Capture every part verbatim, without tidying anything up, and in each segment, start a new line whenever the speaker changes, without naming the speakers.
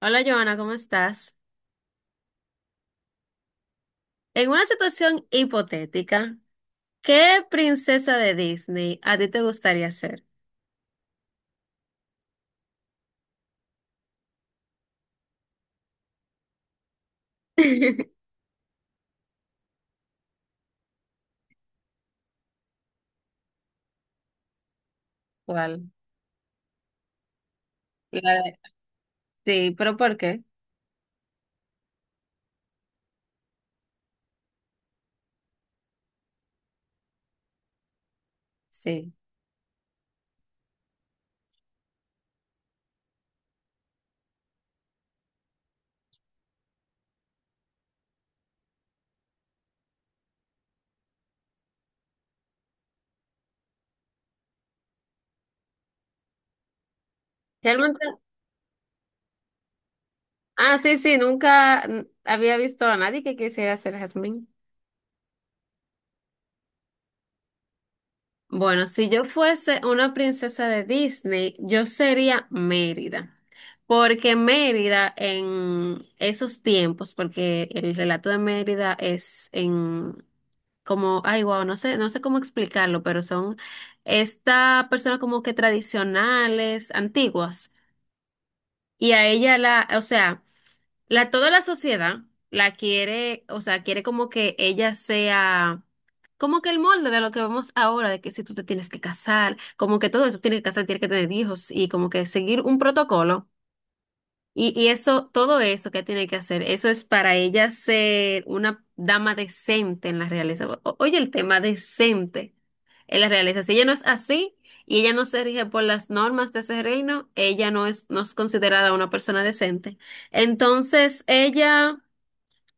Hola Joana, ¿cómo estás? En una situación hipotética, ¿qué princesa de Disney a ti te gustaría ser? ¿Cuál? La de- Sí, pero ¿por qué? Sí. Realmente, ah, sí, sí, nunca mm, había visto a nadie que quisiera ser Jasmine. Bueno, si yo fuese una princesa de Disney, yo sería Mérida, porque Mérida en esos tiempos, porque el relato de Mérida es en como, ay, wow, no sé, no sé cómo explicarlo, pero son esta persona como que tradicionales, antiguas. Y a ella la, o sea, la, toda la sociedad la quiere, o sea, quiere como que ella sea como que el molde de lo que vemos ahora, de que si tú te tienes que casar, como que todo eso tienes que casar, tienes que tener hijos y como que seguir un protocolo. Y, y eso, todo eso que tiene que hacer, eso es para ella ser una dama decente en la realeza. O- oye, el tema decente. Él las realiza. Si ella no es así y ella no se rige por las normas de ese reino, ella no es, no es considerada una persona decente. Entonces ella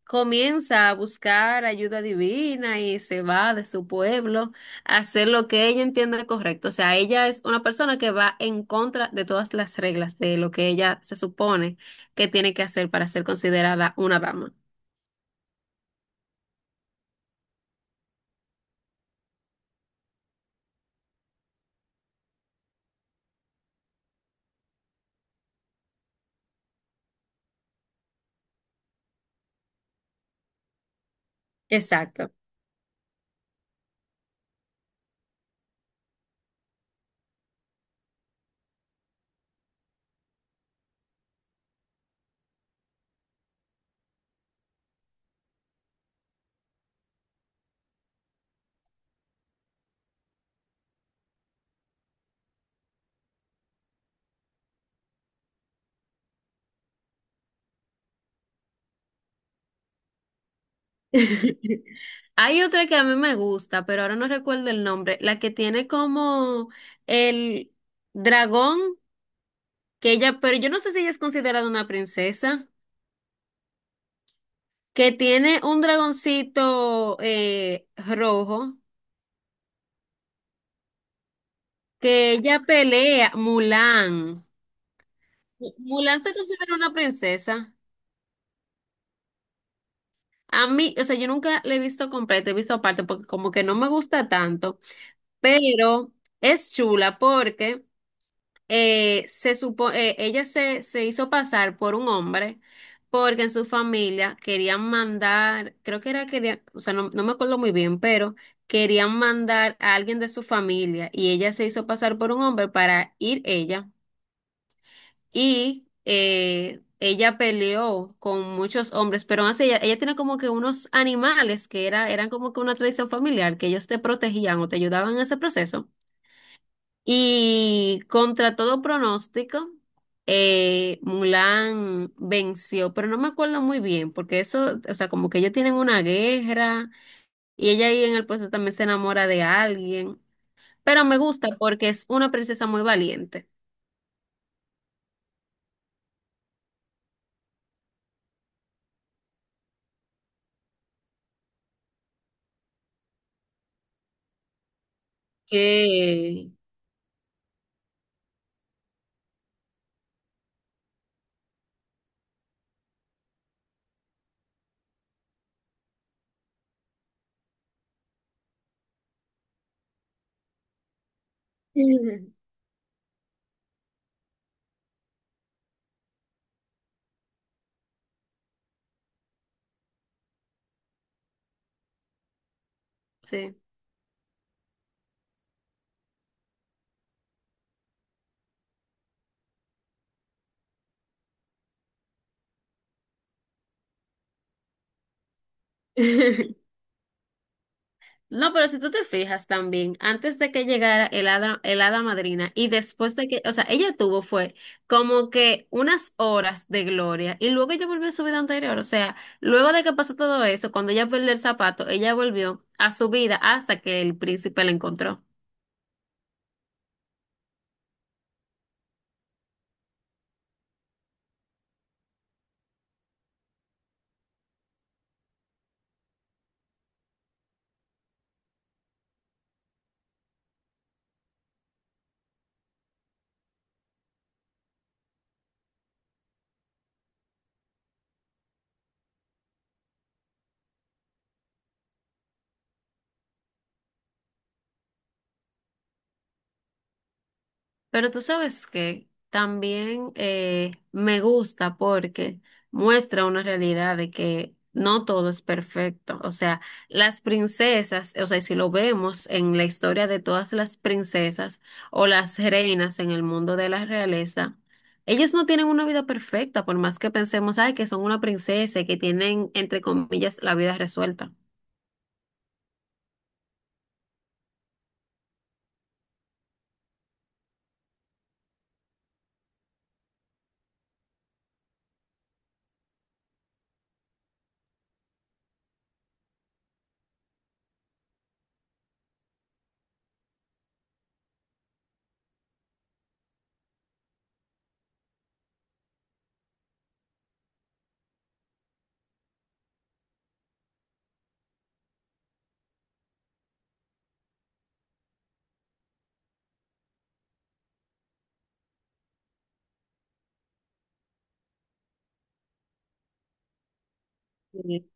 comienza a buscar ayuda divina y se va de su pueblo a hacer lo que ella entiende correcto. O sea, ella es una persona que va en contra de todas las reglas de lo que ella se supone que tiene que hacer para ser considerada una dama. Exacto. Hay otra que a mí me gusta, pero ahora no recuerdo el nombre, la que tiene como el dragón, que ella, pero yo no sé si ella es considerada una princesa, que tiene un dragoncito eh, rojo, que ella pelea, Mulan. Mu- Mulan se considera una princesa. A mí, o sea, yo nunca la he visto completa, he visto aparte, porque como que no me gusta tanto, pero es chula porque... eh, se supo, eh, ella se, se hizo pasar por un hombre porque en su familia querían mandar, creo que era, quería, o sea, no, no me acuerdo muy bien, pero querían mandar a alguien de su familia y ella se hizo pasar por un hombre para ir ella y eh, ella peleó con muchos hombres, pero aún así ella, ella tiene como que unos animales que era, eran como que una tradición familiar, que ellos te protegían o te ayudaban en ese proceso. Y contra todo pronóstico, eh, Mulan venció, pero no me acuerdo muy bien, porque eso, o sea, como que ellos tienen una guerra y ella ahí en el puesto también se enamora de alguien, pero me gusta porque es una princesa muy valiente. Que Sí. No, pero si tú te fijas también, antes de que llegara el hada, el hada madrina y después de que, o sea, ella tuvo fue como que unas horas de gloria y luego ella volvió a su vida anterior, o sea, luego de que pasó todo eso, cuando ella perdió el zapato, ella volvió a su vida hasta que el príncipe la encontró. Pero tú sabes que también eh, me gusta porque muestra una realidad de que no todo es perfecto. O sea, las princesas, o sea, si lo vemos en la historia de todas las princesas o las reinas en el mundo de la realeza, ellas no tienen una vida perfecta, por más que pensemos, ay, que son una princesa y que tienen, entre comillas, la vida resuelta. Sí,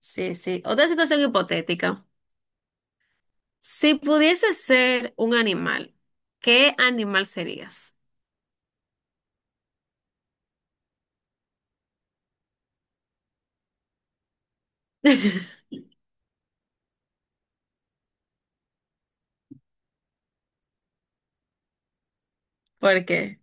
sí, sí. Otra situación hipotética. Si pudiese ser un animal, ¿qué animal serías? ¿Por qué?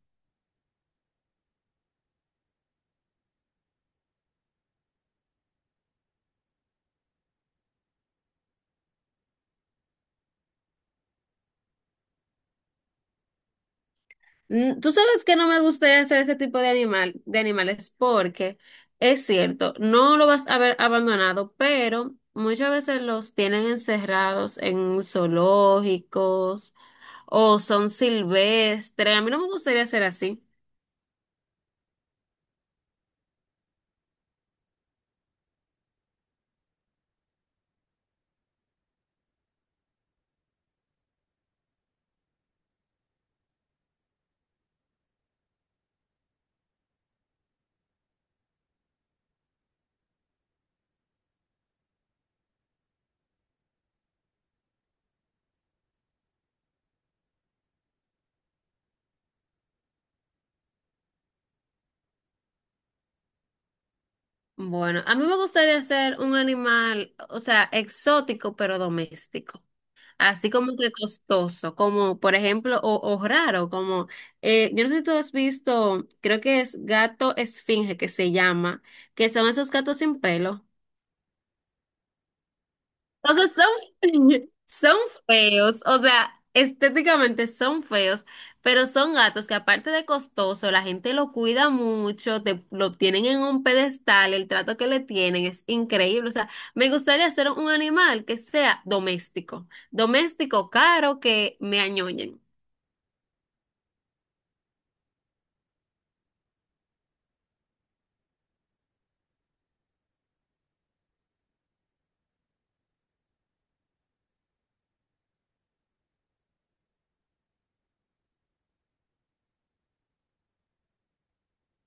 Mm, Tú sabes que no me gustaría ser ese tipo de animal, de animales, porque es cierto, no lo vas a ver abandonado, pero muchas veces los tienen encerrados en zoológicos o son silvestres. A mí no me gustaría ser así. Bueno, a mí me gustaría ser un animal, o sea, exótico pero doméstico. Así como que costoso, como por ejemplo, o, o raro, como, eh, yo no sé si tú has visto, creo que es gato esfinge que se llama, que son esos gatos sin pelo. O sea, son, son feos, o sea, estéticamente son feos, pero son gatos que aparte de costoso, la gente lo cuida mucho, te, lo tienen en un pedestal, el trato que le tienen es increíble. O sea, me gustaría hacer un animal que sea doméstico, doméstico caro que me añoñen.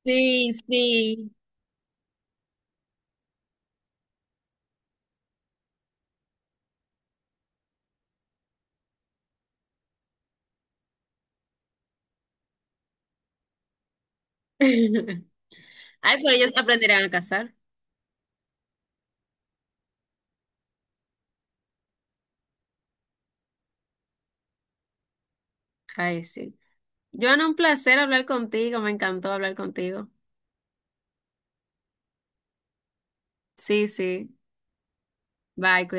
Sí, sí. Ay, pero ellos aprenderán a cazar. Ay, sí. Joana, un placer hablar contigo. Me encantó hablar contigo. Sí, sí. Bye, cuídate.